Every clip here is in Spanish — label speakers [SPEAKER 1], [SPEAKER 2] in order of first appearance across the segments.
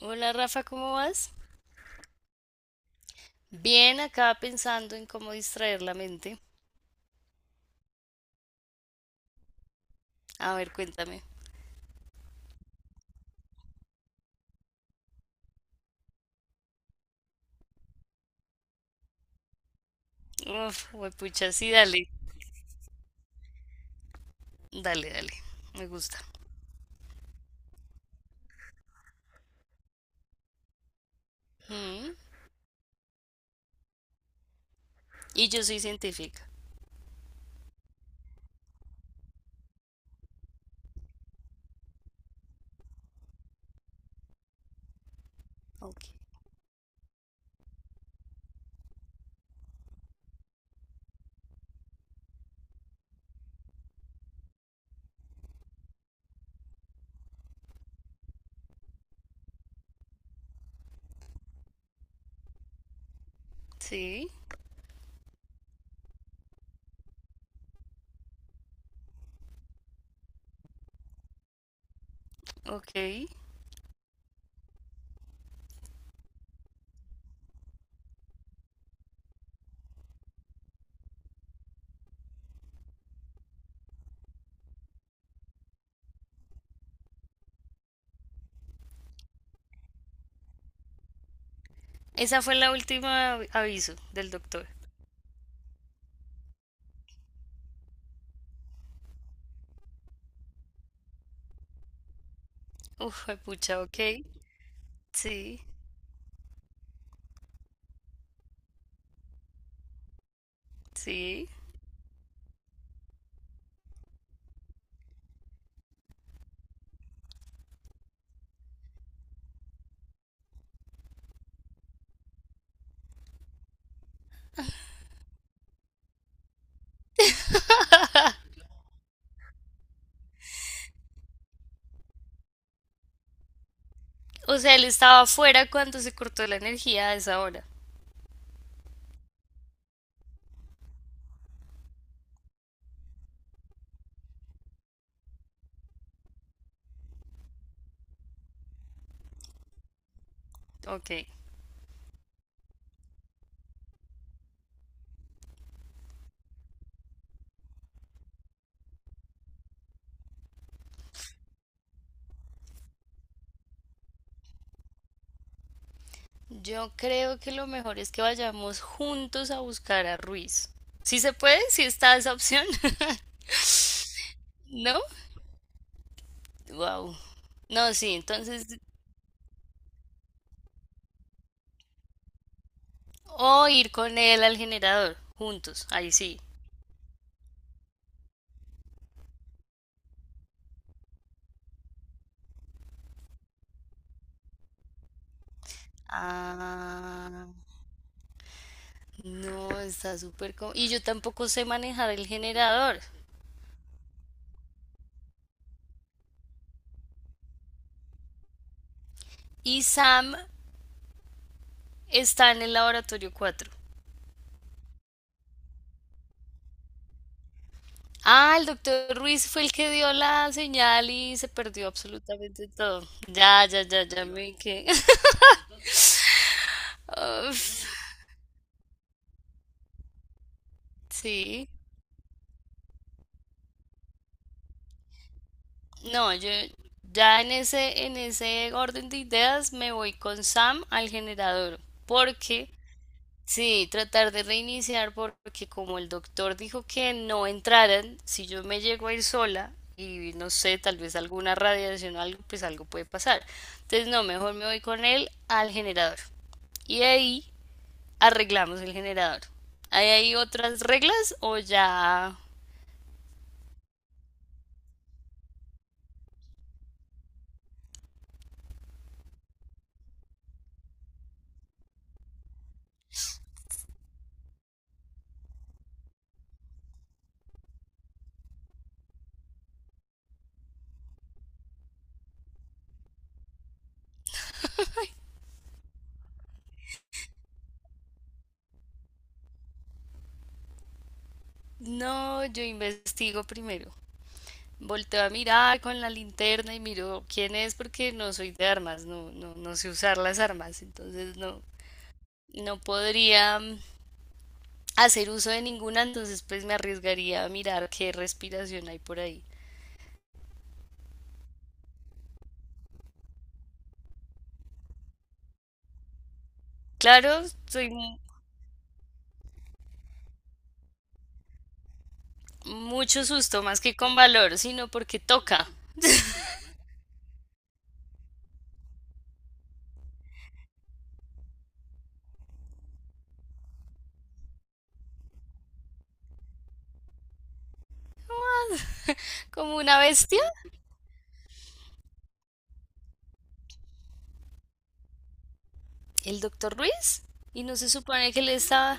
[SPEAKER 1] Hola Rafa, ¿cómo vas? Bien, acá pensando en cómo distraer la mente. A ver, cuéntame. Uf, pucha, sí, dale. Dale, dale. Me gusta. Mm. Y yo soy científica. Ok. Sí, ok. Esa fue la última aviso del doctor. Uf, pucha, ok. Sí, sí. O sea, él estaba afuera cuando se cortó la energía a esa hora. Ok. Yo creo que lo mejor es que vayamos juntos a buscar a Ruiz. ¿Sí se puede? ¿Sí está esa opción? ¿No? Wow. No, sí, entonces. O ir con él al generador, juntos, ahí sí. Ah, no, está súper. Y yo tampoco sé manejar el generador. Y Sam está en el laboratorio 4. Ah, el doctor Ruiz fue el que dio la señal y se perdió absolutamente todo. Ya, ya, ya, ya me quedé. Uf, sí. No, yo ya en ese orden de ideas me voy con Sam al generador. Porque, sí, tratar de reiniciar porque como el doctor dijo que no entraran, si yo me llego a ir sola y no sé, tal vez alguna radiación o algo, pues algo puede pasar. Entonces, no, mejor me voy con él al generador. Y ahí arreglamos el generador. ¿Hay ahí otras reglas o ya? No, yo investigo primero. Volteo a mirar con la linterna y miro quién es porque no soy de armas, no, no, no sé usar las armas, entonces no, no podría, hacer uso de ninguna, entonces pues me arriesgaría a mirar qué respiración hay por ahí. Claro, soy mucho susto, más que con valor, sino porque toca. Como una bestia, el doctor Ruiz, y no se supone que le estaba,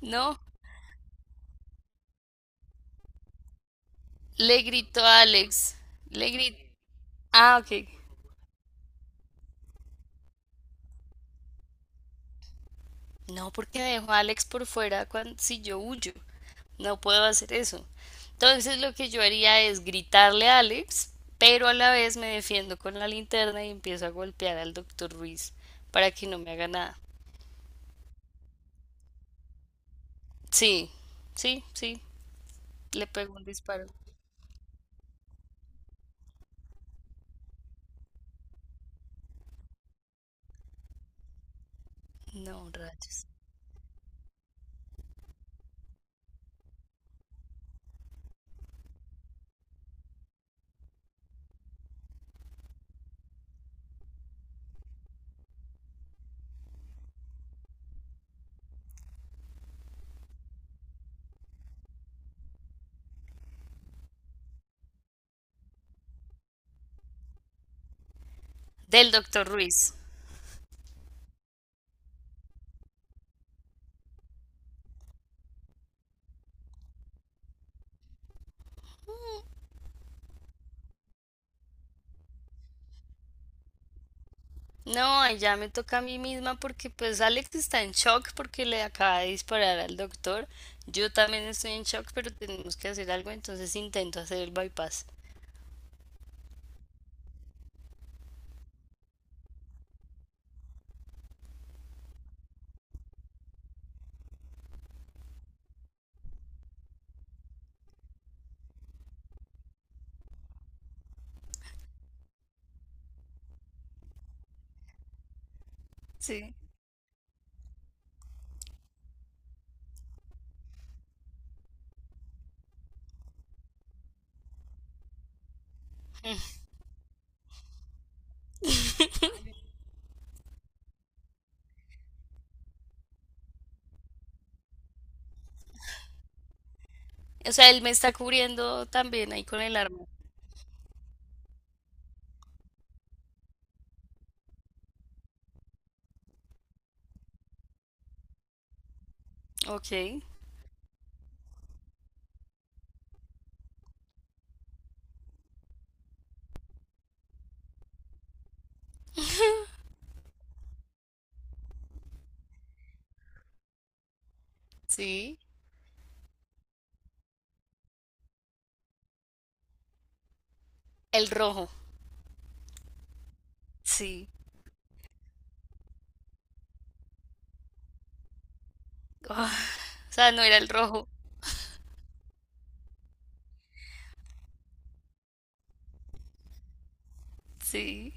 [SPEAKER 1] no, le gritó a Alex, le gritó, ah, ok. No, porque dejo a Alex por fuera cuando, si yo huyo. No puedo hacer eso. Entonces lo que yo haría es gritarle a Alex, pero a la vez me defiendo con la linterna y empiezo a golpear al doctor Ruiz para que no me haga nada. Sí, sí, sí, le pego un disparo. No, rayos. Del doctor Ruiz. No, ya me toca a mí misma porque pues Alex está en shock porque le acaba de disparar al doctor. Yo también estoy en shock, pero tenemos que hacer algo, entonces intento hacer el bypass. Sí. O sea, él me está cubriendo también ahí con el arma. Ok, sí. El rojo. Sí. Ah, o sea, no era el rojo. Sí.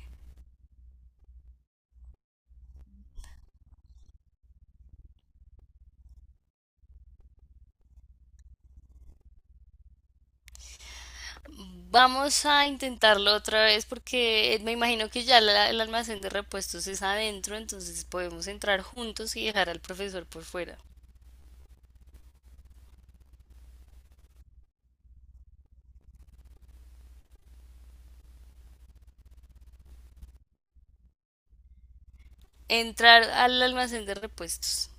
[SPEAKER 1] Vamos a intentarlo otra vez porque me imagino que ya el almacén de repuestos es adentro, entonces podemos entrar juntos y dejar al profesor por fuera. Entrar al almacén de repuestos.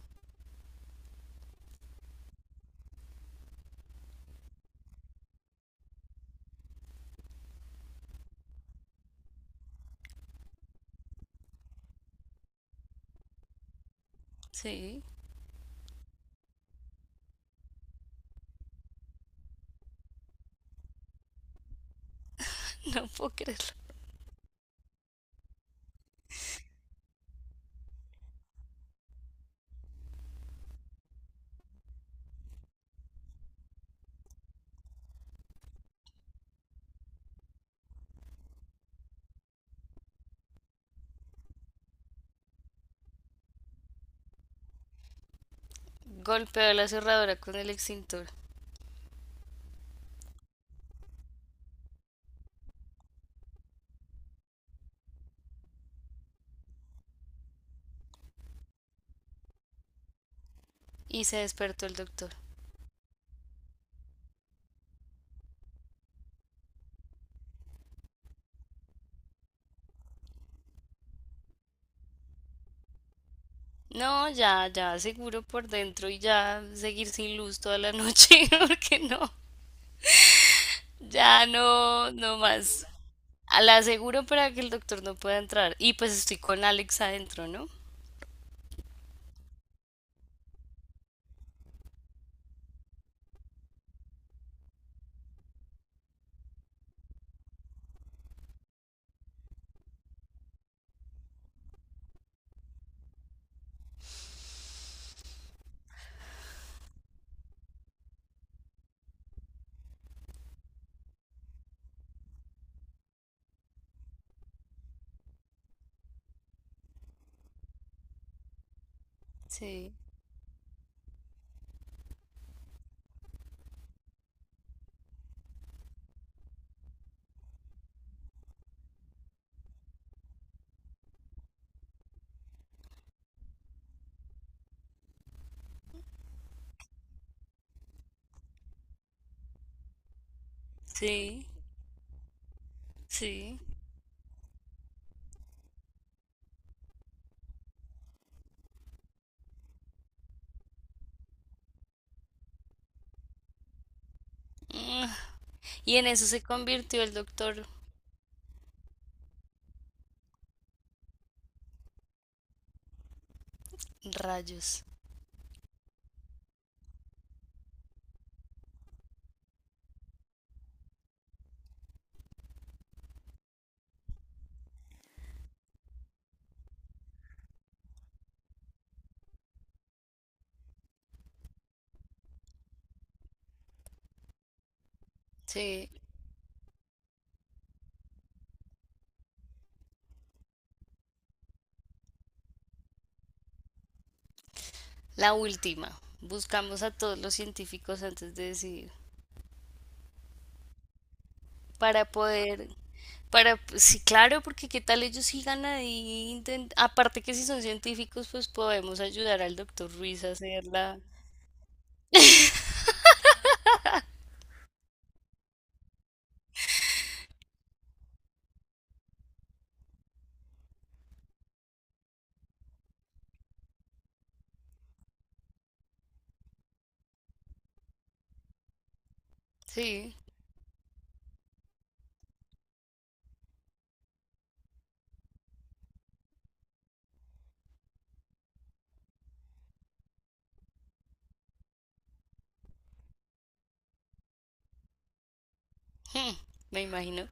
[SPEAKER 1] Sí. No puedo creerlo. Golpeó la cerradura con el extintor y se despertó el doctor. No, ya, ya, seguro por dentro y ya seguir sin luz toda la noche, porque no, ya no, no más. A La aseguro para que el doctor no pueda entrar. Y pues estoy con Alex adentro, ¿no? Sí, sí, sí. Y en eso se convirtió el doctor. Rayos. Sí. La última. Buscamos a todos los científicos antes de decidir. Para poder, sí, claro, porque qué tal ellos sigan ahí, aparte que si son científicos, pues podemos ayudar al doctor Ruiz a hacerla. Sí, hmm, me imagino.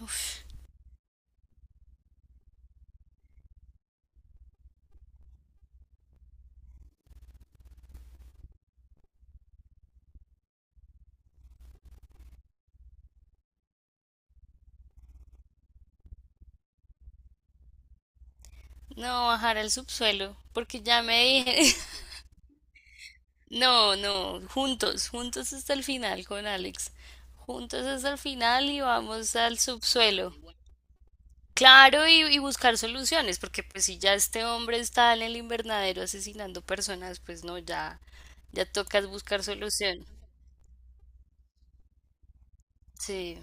[SPEAKER 1] Uf, no, bajar al subsuelo, porque ya me dije. No, no, juntos, juntos hasta el final con Alex. Juntos hasta el final y vamos al subsuelo. Claro, y buscar soluciones, porque pues si ya este hombre está en el invernadero asesinando personas, pues no, ya, ya tocas buscar solución. Sí,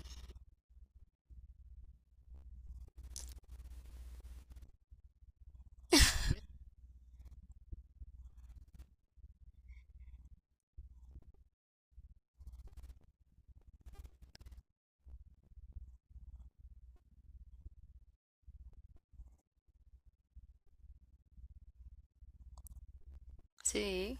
[SPEAKER 1] sí,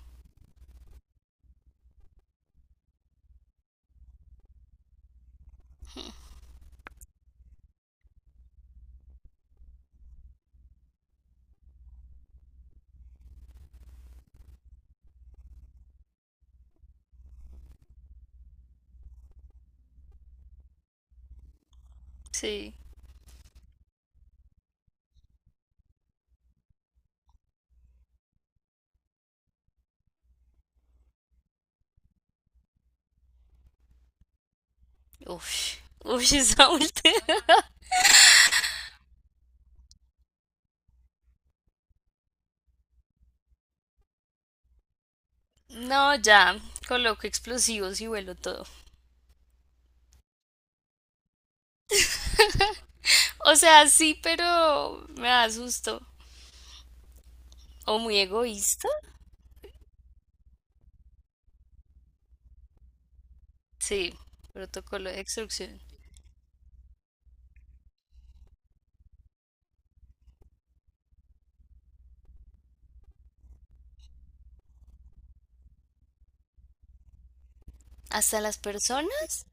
[SPEAKER 1] sí. Uf, uf, esa última. No, ya, coloco explosivos y vuelo todo. O sea, sí, pero me da susto. O muy egoísta. Sí, protocolo de extorsión. ¿Hasta las personas?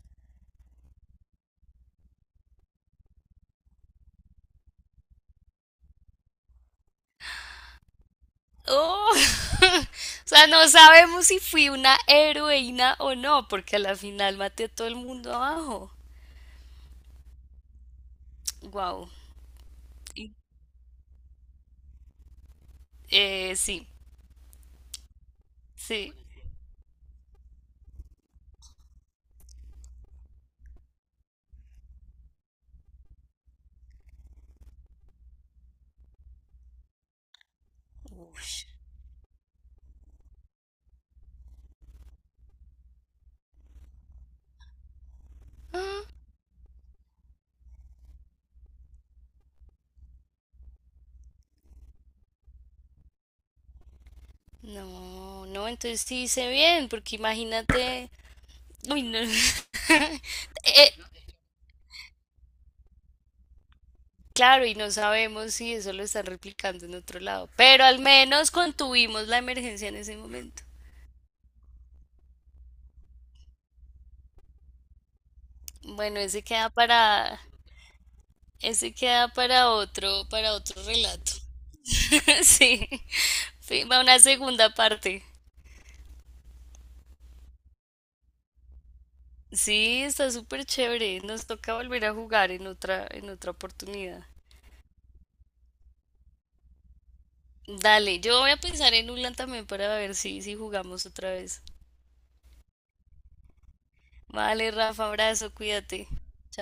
[SPEAKER 1] Oh, o sea, no sabemos si fui una heroína o no, porque a la final maté a todo el mundo abajo. Wow. Sí, sí. Ush. Ah, no, no, entonces sí hice bien, porque imagínate. Uy, no. Eh, claro, y no sabemos si eso lo están replicando en otro lado, pero al menos contuvimos la emergencia en ese momento. Bueno, ese queda para otro, relato. Sí, sí, va una segunda parte. Sí, está súper chévere. Nos toca volver a jugar en otra oportunidad. Dale, yo voy a pensar en Ulan también para ver si jugamos otra vez. Vale, Rafa, abrazo, cuídate. Chao.